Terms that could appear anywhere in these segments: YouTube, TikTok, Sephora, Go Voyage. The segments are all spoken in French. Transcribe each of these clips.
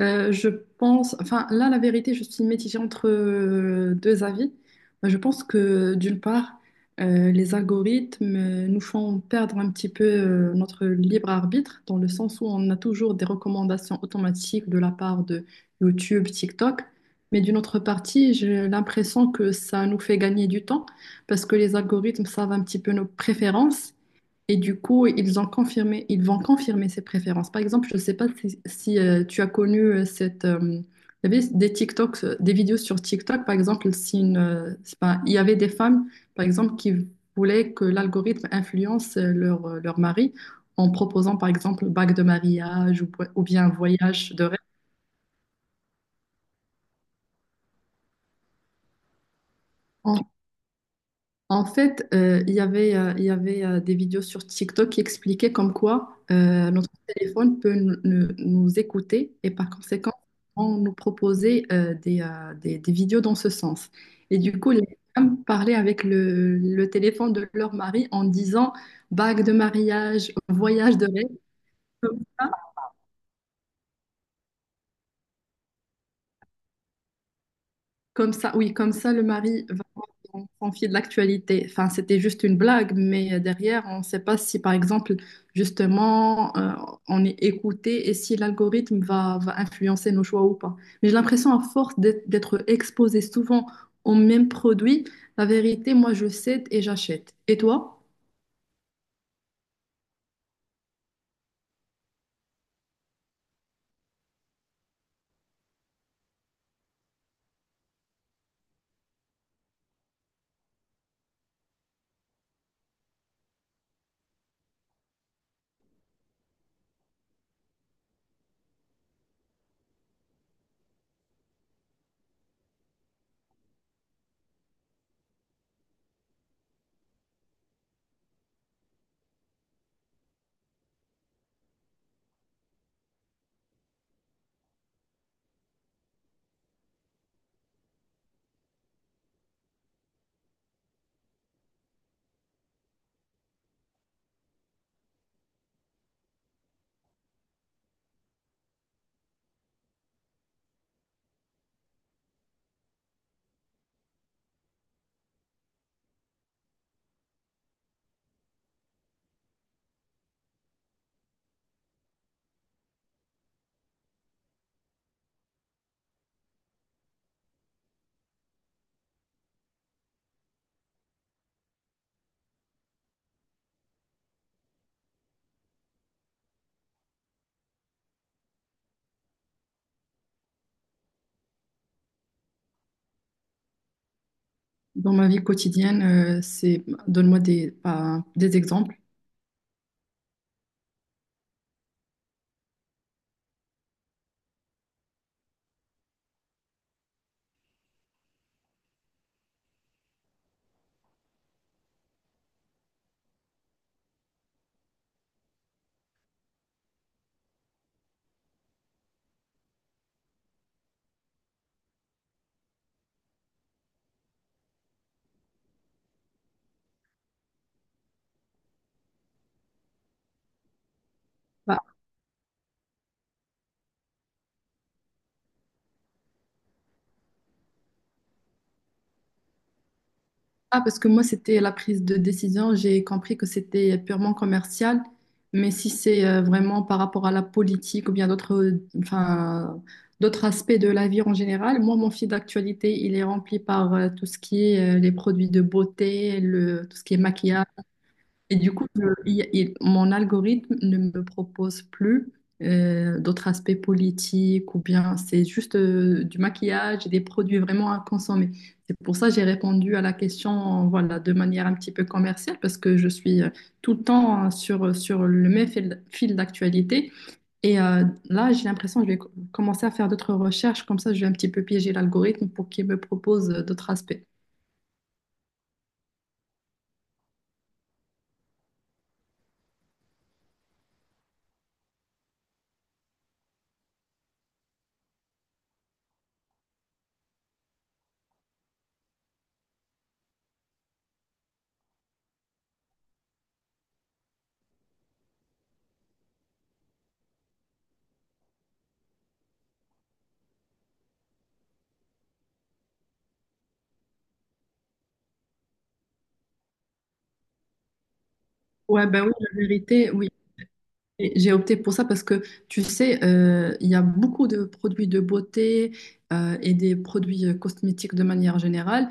Je pense, enfin là, la vérité, je suis mitigée entre deux avis. Moi, je pense que d'une part, les algorithmes nous font perdre un petit peu notre libre arbitre, dans le sens où on a toujours des recommandations automatiques de la part de YouTube, TikTok. Mais d'une autre partie, j'ai l'impression que ça nous fait gagner du temps, parce que les algorithmes savent un petit peu nos préférences. Et du coup, ils ont confirmé, ils vont confirmer ces préférences. Par exemple, je ne sais pas si tu as connu il y avait des TikToks, des vidéos sur TikTok, par exemple, si une, c'est pas- il y avait des femmes, par exemple, qui voulaient que l'algorithme influence leur, leur mari en proposant, par exemple, bague de mariage ou bien un voyage de rêve. En fait, il y avait des vidéos sur TikTok qui expliquaient comme quoi notre téléphone peut nous écouter et par conséquent, on nous proposait des vidéos dans ce sens. Et du coup, les femmes parlaient avec le téléphone de leur mari en disant bague de mariage, voyage de rêve. Comme ça, oui, comme ça, le mari va s'enfier de l'actualité. Enfin, c'était juste une blague, mais derrière, on ne sait pas si, par exemple, justement, on est écouté et si l'algorithme va influencer nos choix ou pas. Mais j'ai l'impression, à force d'être exposé souvent aux mêmes produits, la vérité, moi, je cède et j'achète. Et toi, dans ma vie quotidienne, donne-moi des, bah, des exemples. Ah, parce que moi, c'était la prise de décision. J'ai compris que c'était purement commercial. Mais si c'est vraiment par rapport à la politique ou bien d'autres, enfin, d'autres aspects de la vie en général, moi, mon fil d'actualité, il est rempli par tout ce qui est les produits de beauté, le, tout ce qui est maquillage. Et du coup, mon algorithme ne me propose plus d'autres aspects politiques ou bien c'est juste du maquillage et des produits vraiment à consommer. C'est pour ça que j'ai répondu à la question voilà, de manière un petit peu commerciale parce que je suis tout le temps hein, sur, sur le même fil d'actualité. Et là, j'ai l'impression que je vais commencer à faire d'autres recherches. Comme ça, je vais un petit peu piéger l'algorithme pour qu'il me propose d'autres aspects. Ouais, ben oui, la vérité, oui. Et j'ai opté pour ça parce que, tu sais, il y a beaucoup de produits de beauté et des produits cosmétiques de manière générale.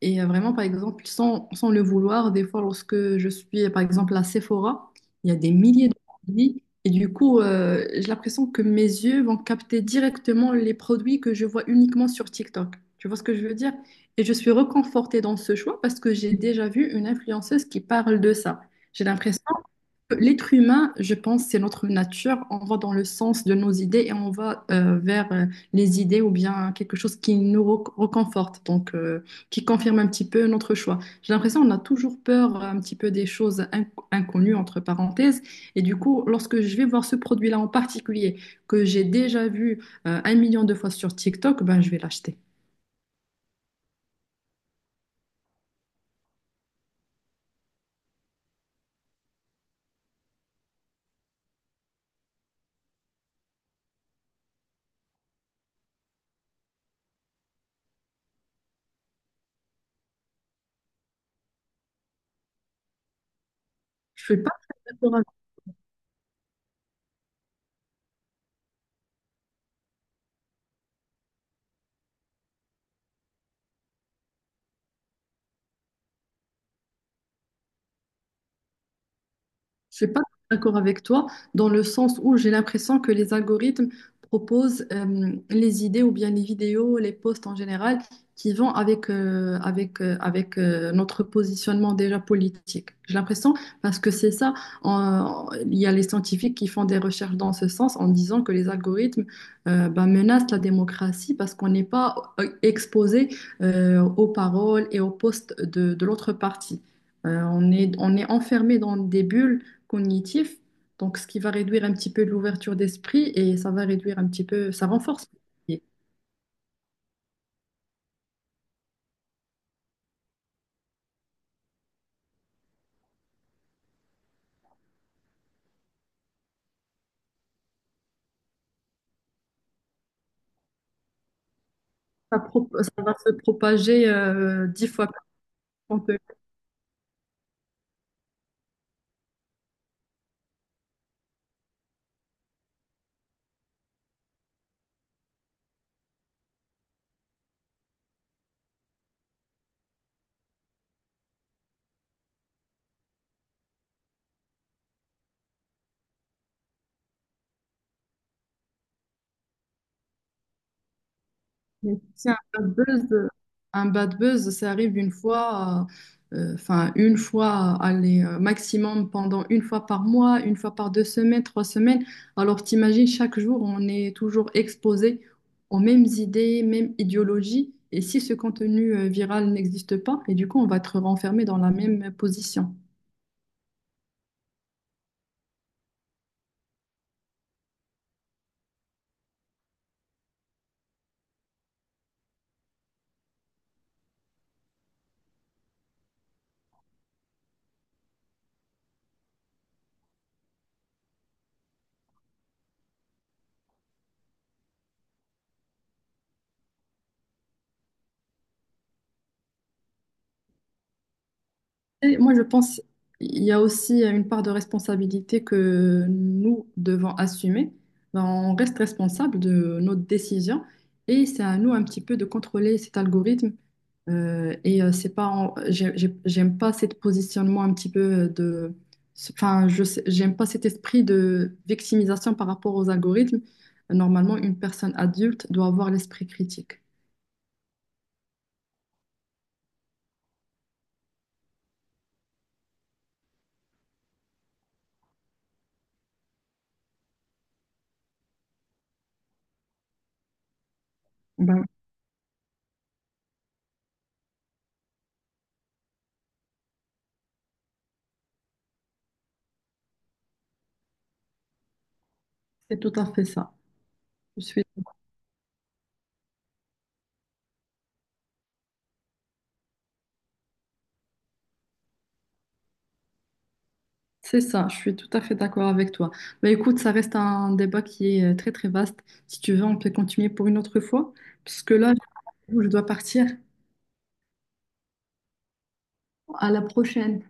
Et vraiment, par exemple, sans le vouloir, des fois, lorsque je suis, par exemple, à Sephora, il y a des milliers de produits. Et du coup, j'ai l'impression que mes yeux vont capter directement les produits que je vois uniquement sur TikTok. Tu vois ce que je veux dire? Et je suis reconfortée dans ce choix parce que j'ai déjà vu une influenceuse qui parle de ça. J'ai l'impression l'être humain, je pense, c'est notre nature. On va dans le sens de nos idées et on va vers les idées ou bien quelque chose qui nous reconforte, donc qui confirme un petit peu notre choix. J'ai l'impression qu'on a toujours peur un petit peu des choses inconnues, entre parenthèses. Et du coup, lorsque je vais voir ce produit-là en particulier, que j'ai déjà vu 1 million de fois sur TikTok, ben, je vais l'acheter. Je ne suis pas très d'accord. Je suis pas d'accord avec toi dans le sens où j'ai l'impression que les algorithmes proposent les idées ou bien les vidéos, les posts en général qui vont avec, avec notre positionnement déjà politique. J'ai l'impression parce que c'est ça, il y a les scientifiques qui font des recherches dans ce sens en disant que les algorithmes ben, menacent la démocratie parce qu'on n'est pas exposé aux paroles et aux posts de l'autre partie. On est enfermé dans des bulles cognitif, donc ce qui va réduire un petit peu l'ouverture d'esprit et ça va réduire un petit peu, ça renforce. Ça va se propager 10 fois plus. Mais c'est un bad buzz, ça arrive une fois, enfin une fois, allez, maximum pendant une fois par mois, une fois par 2 semaines, 3 semaines. Alors t'imagines, chaque jour, on est toujours exposé aux mêmes idées, mêmes idéologies. Et si ce contenu viral n'existe pas, et du coup, on va être renfermé dans la même position. Et moi, je pense il y a aussi une part de responsabilité que nous devons assumer. Ben, on reste responsable de notre décision et c'est à nous un petit peu de contrôler cet algorithme. C'est pas, j'aime pas ce positionnement un petit peu de, enfin, j'aime pas cet esprit de victimisation par rapport aux algorithmes. Normalement, une personne adulte doit avoir l'esprit critique. Ben, c'est tout à fait ça. Je suis c'est ça, je suis tout à fait d'accord avec toi. Bah écoute, ça reste un débat qui est très très vaste. Si tu veux, on peut continuer pour une autre fois, puisque là, je dois partir. À la prochaine.